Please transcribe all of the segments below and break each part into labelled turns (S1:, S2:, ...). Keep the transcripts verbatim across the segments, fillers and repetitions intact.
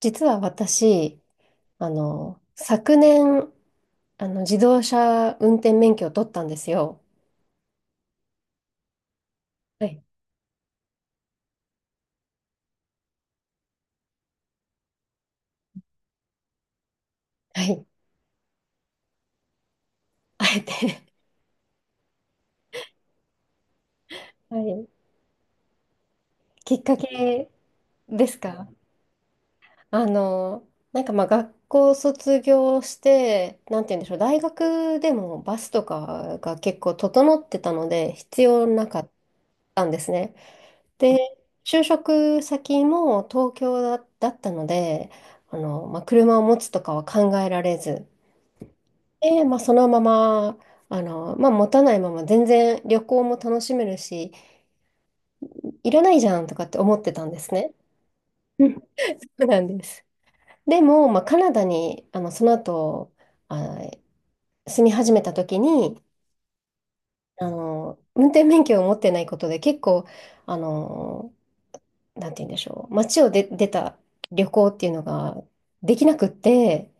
S1: 実は私、あの、昨年、あの、自動車運転免許を取ったんですよ。はい。はい。あえて。 はい。きっかけですか？あの、なんかまあ学校卒業して、なんて言うんでしょう、大学でもバスとかが結構整ってたので、必要なかったんですね。で、就職先も東京だ、だったので、あの、まあ、車を持つとかは考えられず、で、まあ、そのまま、あの、まあ、持たないまま全然旅行も楽しめるし、いらないじゃんとかって思ってたんですね。うん、そうなんです。でも、まあ、カナダに、あの、その後、あ、住み始めた時に、あの、運転免許を持ってないことで結構、あの、なんて言うんでしょう、街をで出た旅行っていうのができなくって、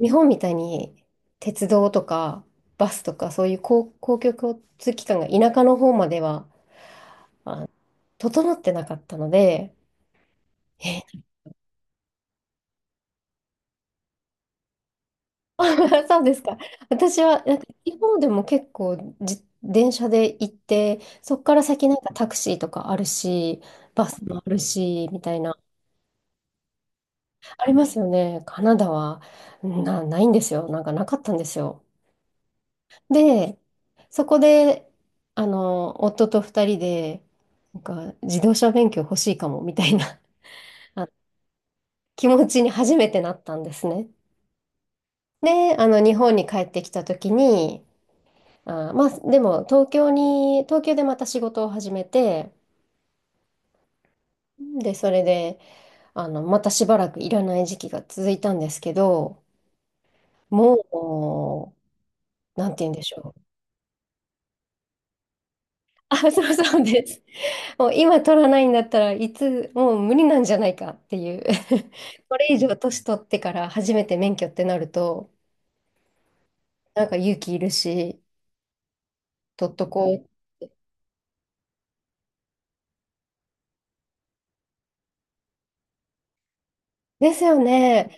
S1: 日本みたいに鉄道とか、バスとかそういう公、公共交通機関が田舎の方までは、あ、整ってなかったので、え。 そうですか。私は、なんか、地方でも結構、じ、電車で行って、そっから先なんかタクシーとかあるし、バスもあるし、みたいな、ありますよね。カナダは、な、ないんですよ。なんかなかったんですよ。で、そこで、あの、夫と二人で、なんか、自動車免許欲しいかも、みたいな、あ、気持ちに初めてなったんですね。で、あの、日本に帰ってきた時に、あー、まあ、でも、東京に、東京でまた仕事を始めて、で、それで、あの、またしばらくいらない時期が続いたんですけど、もう、なんて言うんでしょう。あ、そうそうです。もう今取らないんだったらいつ、もう無理なんじゃないかっていう。これ以上年取ってから初めて免許ってなると、なんか勇気いるし、取っとこう。ですよね。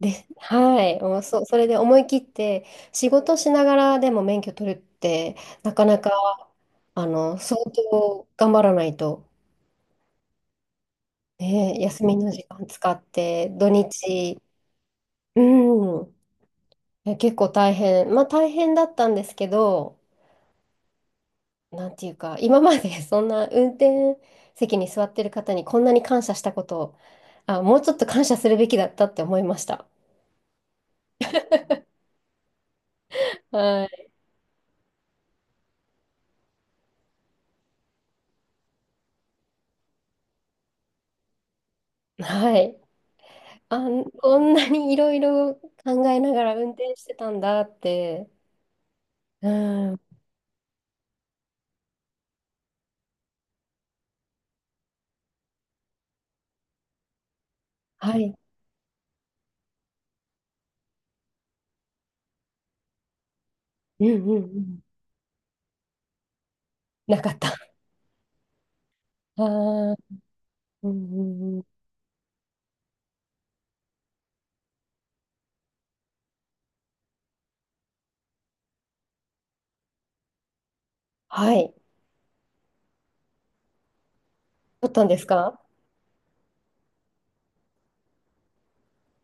S1: で、はい、もうそ、それで思い切って仕事しながらでも免許取るってなかなかあの相当頑張らないと、ね、休みの時間使って土日、うん、いや結構大変、まあ大変だったんですけど、なんていうか今まで そんな運転席に座ってる方にこんなに感謝したこと、あ、もうちょっと感謝するべきだったって思いました。はい、はい、あ、こんなにいろいろ考えながら運転してたんだって。うん。はい。うんうんうん。なかった。あー、うんうんうん。はい。撮ったんですか？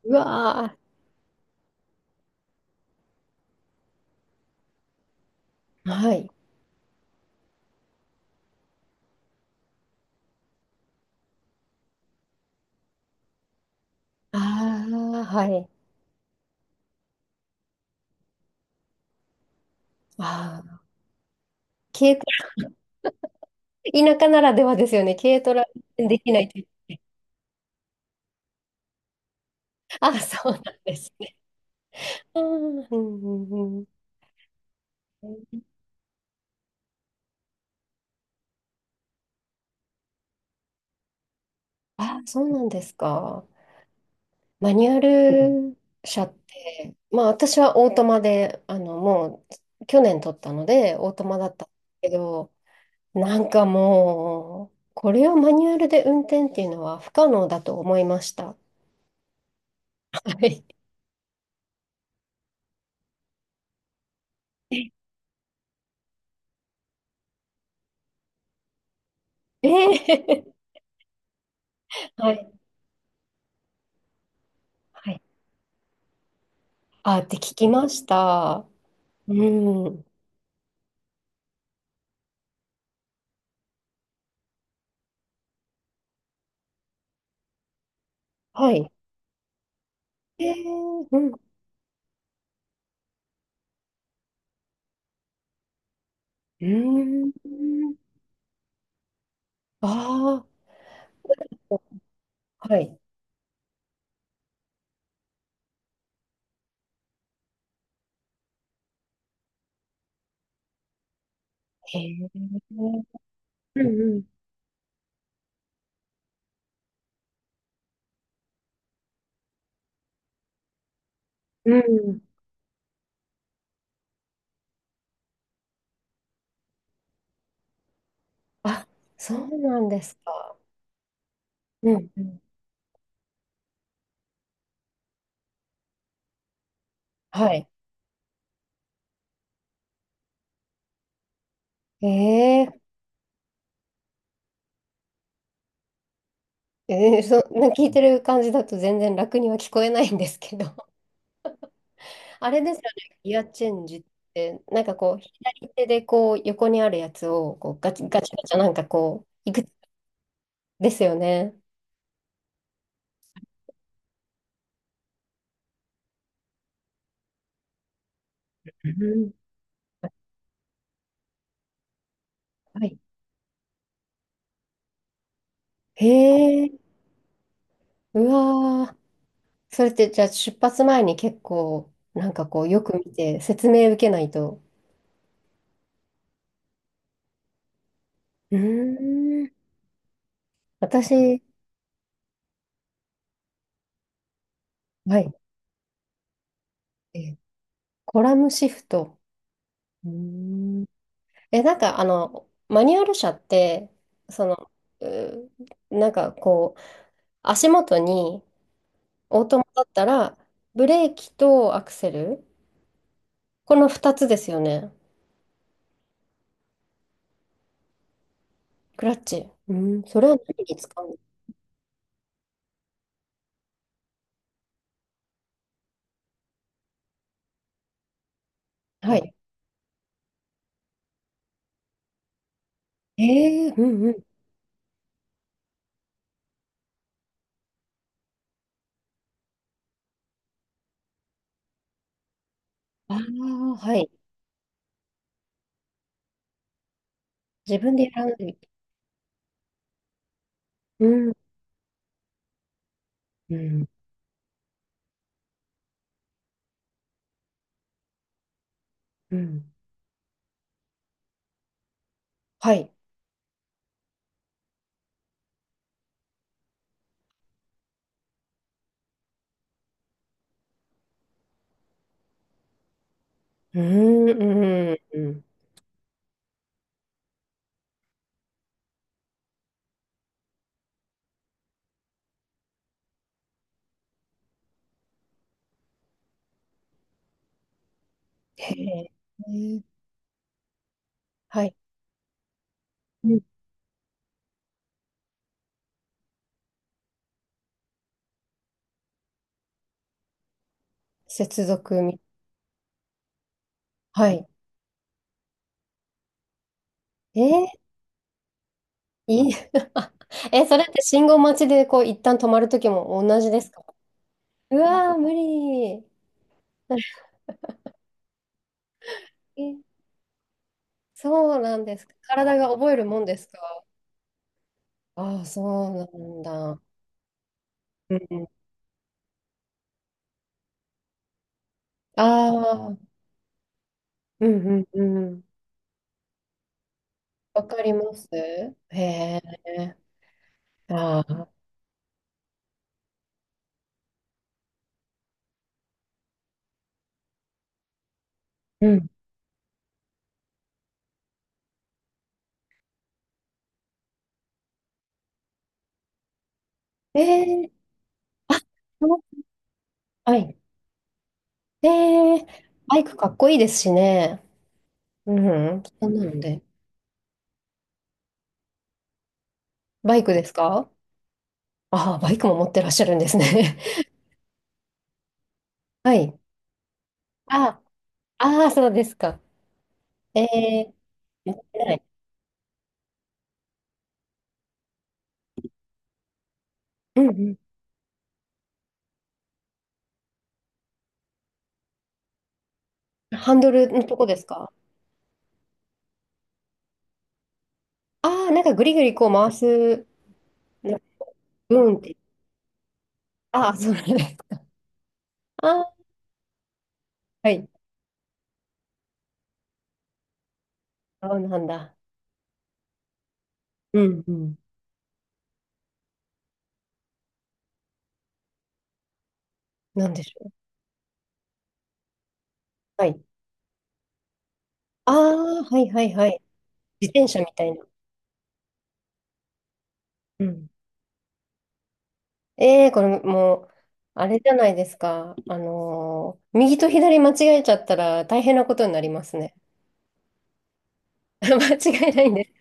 S1: うわー。はい。ああ、はい。ああ。軽トラ、田舎ならではですよね。軽トラ運転できないという。あ、そうなんですね。あー、うんうんうん。あ、そうなんですか。マニュアル車って、まあ私はオートマで、あのもう去年取ったのでオートマだったんですけど、なんかもう、これをマニュアルで運転っていうのは不可能だと思いました。はい。ええ、はい。はい。あ、って聞きました。うん。はい。ええ、うん。うーん。ああ。はい。へえ。うんうん。うん、あ、そうなんですか。うんうん。はい。ええ、えー、そ、な聞いてる感じだと全然楽には聞こえないんですけど。あれですよね、ギアチェンジって、なんかこう、左手でこう、横にあるやつを、こう、ガチガチガチャなんかこう、いくつですよね。うん、はい。へえ、うわー。それってじゃあ出発前に結構、なんかこう、よく見て説明受けないと。うーん。私、はい。えー、コラムシフト。うーん、え、なんかあの、マニュアル車って、その、う、なんかこう、足元にオートマだったら、ブレーキとアクセル、このふたつですよね。クラッチ。うん、それは何に使うの？はい。ええ、うんうん。ああ、はい。自分で選んでいくうん、うん、うん。はい。うん、うん、うん。へえ。へえ、はい。うん、接続み。はい。えー、 いい。え、それって信号待ちでこう一旦止まるときも同じですか？うわー、無理。え、そうなんですか？体が覚えるもんですか？ああ、そうなんだ。うんうん。ああ、うんうんうん。わかります？へえ。ああ、うん。ええ、あ、そう、はい。ええ、バイクかっこいいですしね。うん。そんなので。バイクですか？ああ、バイクも持ってらっしゃるんですね。はい。あ、ああ、そうですか。ええー、やってない。うんうん。ハンドルのとこですか？ああー、なんかぐりぐりこう回す、なんかブーンって。ああ、そうなんです。ああ、はい。ああ、なんだ。うんうん。なんでしょう。はい。ああ、はいはいはい。自転車みたいな。うん。ええー、これもう、あれじゃないですか。あのー右と左間違えちゃったら大変なことになりますね。間違えないんです。